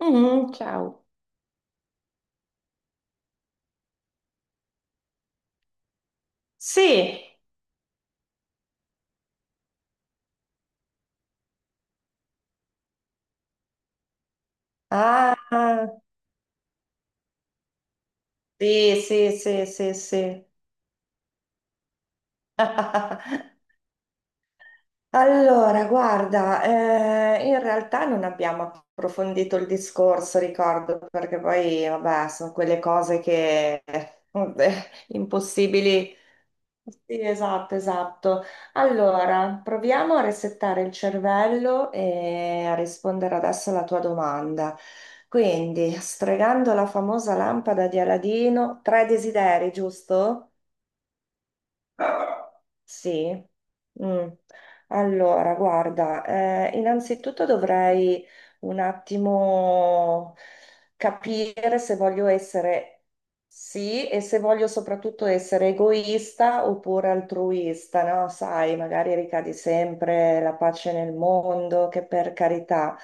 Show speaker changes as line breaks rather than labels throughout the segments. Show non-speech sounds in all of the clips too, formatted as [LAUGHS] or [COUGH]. Mm, ciao. Sì. Ah, sì, sì, sì, sì, sì. [LAUGHS] Allora, guarda, in realtà non abbiamo approfondito il discorso, ricordo, perché poi, vabbè, sono quelle cose che, [LAUGHS] vabbè, impossibili. Sì, esatto, esatto. Allora, proviamo a resettare il cervello e a rispondere adesso alla tua domanda. Quindi, sfregando la famosa lampada di Aladino, tre desideri, giusto? Sì. Mm. Allora, guarda, innanzitutto dovrei un attimo capire se voglio essere sì e se voglio soprattutto essere egoista oppure altruista, no? Sai, magari ricadi sempre la pace nel mondo, che per carità.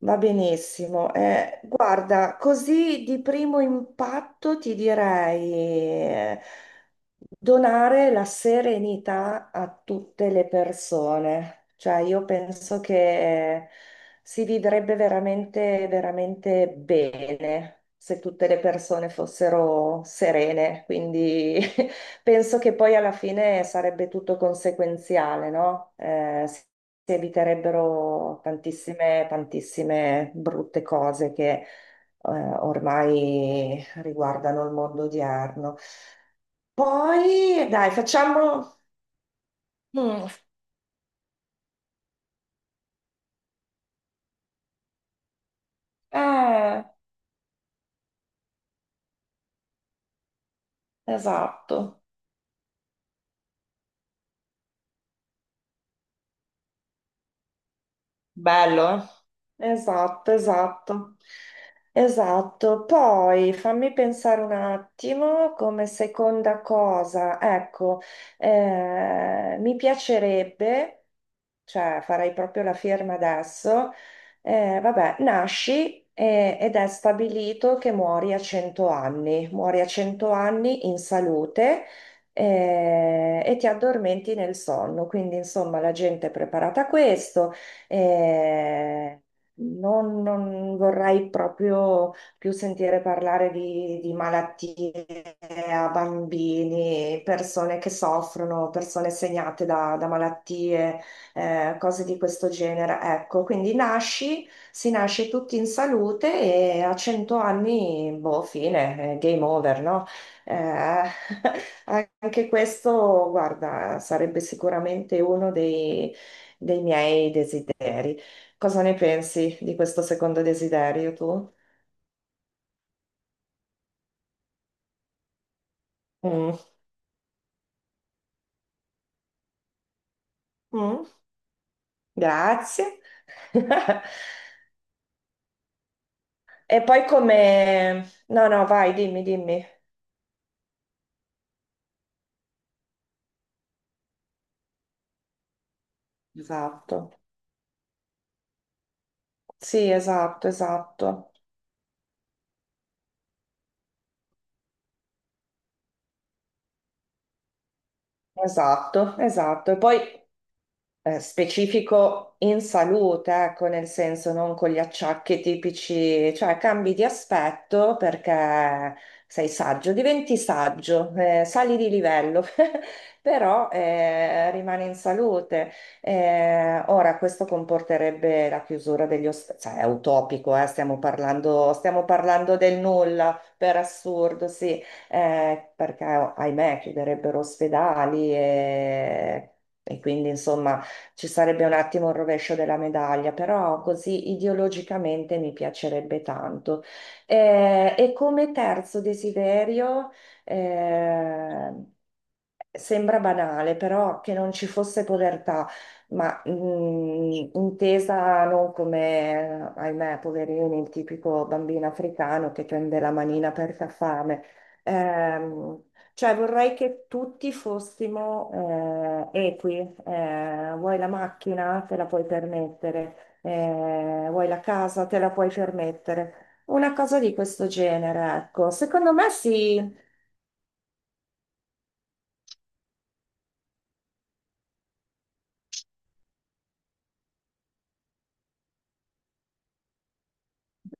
Va benissimo. Guarda, così di primo impatto ti direi. Donare la serenità a tutte le persone, cioè io penso che si vivrebbe veramente, veramente bene se tutte le persone fossero serene, quindi [LAUGHS] penso che poi alla fine sarebbe tutto conseguenziale, no? Si si eviterebbero tantissime, tantissime brutte cose che ormai riguardano il mondo odierno. Poi, dai, facciamo... Mm, eh, esatto. Bello, eh? Esatto, esatto, esatto. Poi fammi pensare un attimo come seconda cosa. Ecco, mi piacerebbe... cioè farai proprio la firma adesso, vabbè, nasci ed è stabilito che muori a 100 anni, muori a 100 anni in salute, e ti addormenti nel sonno, quindi insomma la gente è preparata a questo, eh, non vorrei proprio più sentire parlare di malattie a bambini, persone che soffrono, persone segnate da malattie, cose di questo genere. Ecco, quindi nasci, si nasce tutti in salute e a 100 anni, boh, fine, game over, no? Eh, [LAUGHS] anche questo, guarda, sarebbe sicuramente uno dei miei desideri. Cosa ne pensi di questo secondo desiderio tu? Mm, mm, grazie. [LAUGHS] E poi come... No, no, vai, dimmi, dimmi. Esatto. Sì, esatto, esatto, esatto, esatto. E poi specifico in salute, ecco, nel senso non con gli acciacchi tipici, cioè cambi di aspetto perché sei saggio, diventi saggio, sali di livello, [LAUGHS] però rimani in salute. Ora, questo comporterebbe la chiusura degli ospedali, cioè è utopico, stiamo parlando del nulla, per assurdo, sì, perché ahimè chiuderebbero ospedali e quindi insomma ci sarebbe un attimo il rovescio della medaglia, però così ideologicamente mi piacerebbe tanto. E come terzo desiderio, eh, sembra banale, però che non ci fosse povertà, ma intesa non come, ahimè, poverino, il tipico bambino africano che prende la manina perché ha fame. Ehm, cioè vorrei che tutti fossimo equi. Vuoi la macchina? Te la puoi permettere. Vuoi la casa? Te la puoi permettere. Una cosa di questo genere, ecco. Secondo me sì.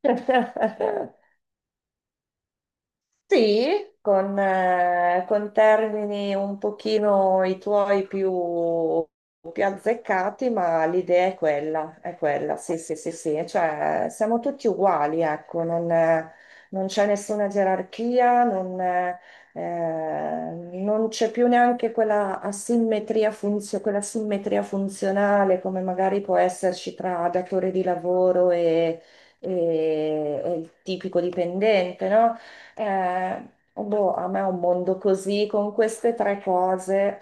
[LAUGHS] Sì, con termini un pochino i tuoi più azzeccati, ma l'idea è quella, sì, sì, sì, sì, cioè siamo tutti uguali, ecco, non, non c'è nessuna gerarchia, non, non c'è più neanche quella asimmetria quella simmetria funzionale come magari può esserci tra datore di lavoro e e il tipico dipendente, no? Boh, a me è un mondo così, con queste tre cose,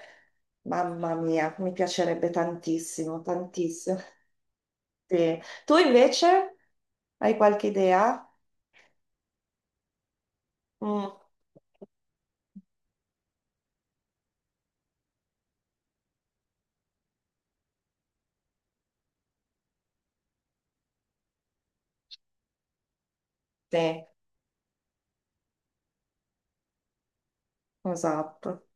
mamma mia, mi piacerebbe tantissimo, tantissimo. Sì. Tu invece hai qualche idea? Mm, sì, esatto.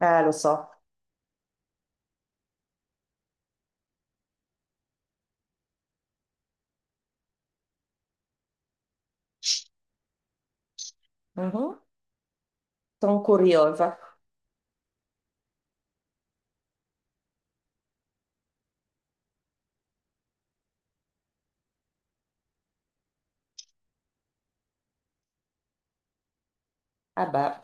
Lo so. Mhm. Sono curiosa. Eh beh,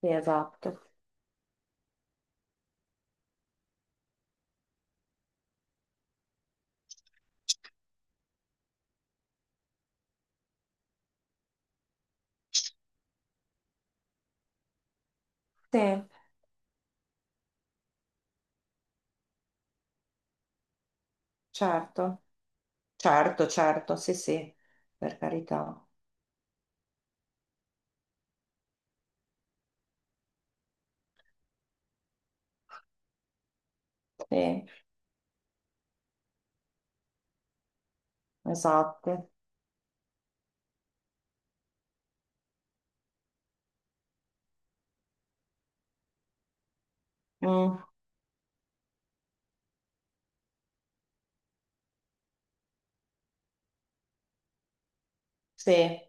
sì, esatto. Sì, certo, certo, certo, sì, sì, per carità. Sì, esatto. Mm, sì.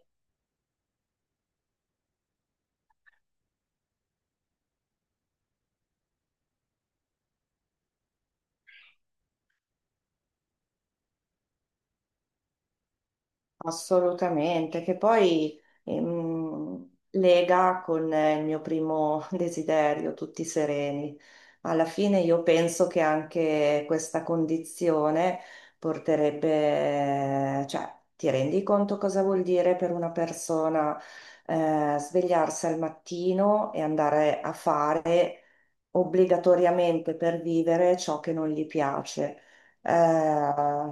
Assolutamente, che poi lega con il mio primo [LAUGHS] desiderio, tutti sereni. Alla fine io penso che anche questa condizione porterebbe, cioè, ti rendi conto cosa vuol dire per una persona svegliarsi al mattino e andare a fare obbligatoriamente per vivere ciò che non gli piace? Eh,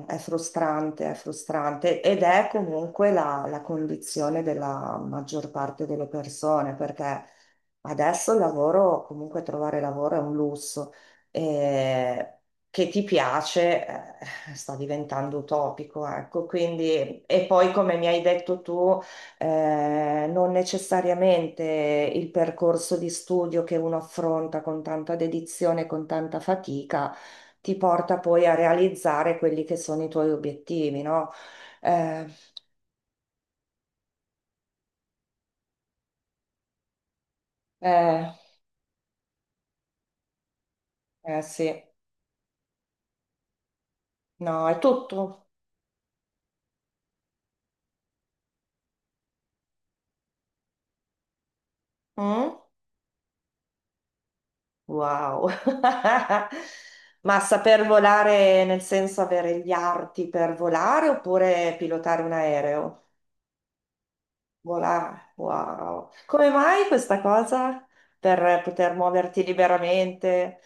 è frustrante ed è comunque la condizione della maggior parte delle persone, perché adesso il lavoro, comunque trovare lavoro è un lusso. Eh, che ti piace, sta diventando utopico, ecco, quindi, e poi come mi hai detto tu, non necessariamente il percorso di studio che uno affronta con tanta dedizione, con tanta fatica ti porta poi a realizzare quelli che sono i tuoi obiettivi, no? Eh, eh, sì, no, è tutto. Mm? Wow. [LAUGHS] Ma saper volare nel senso avere gli arti per volare oppure pilotare un aereo? Volare, wow. Come mai questa cosa? Per poter muoverti liberamente?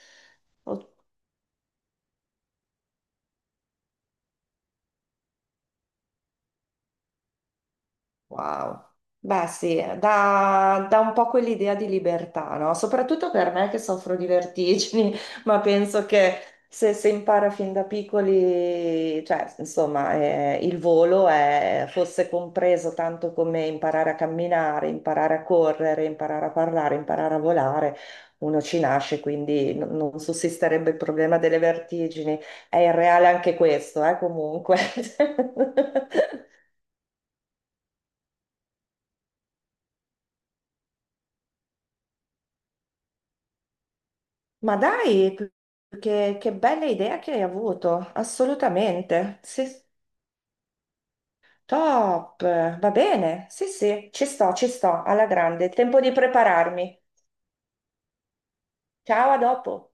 Wow. Beh, sì, dà, dà un po' quell'idea di libertà, no? Soprattutto per me che soffro di vertigini, [LAUGHS] ma penso che se si impara fin da piccoli, cioè, insomma, il fosse compreso tanto come imparare a camminare, imparare a correre, imparare a parlare, imparare a volare, uno ci nasce, quindi non sussisterebbe il problema delle vertigini. È irreale anche questo, comunque. [LAUGHS] Ma dai, che bella idea che hai avuto, assolutamente. Sì, top, va bene, sì, sì, ci sto, alla grande. Tempo di prepararmi. Ciao, a dopo.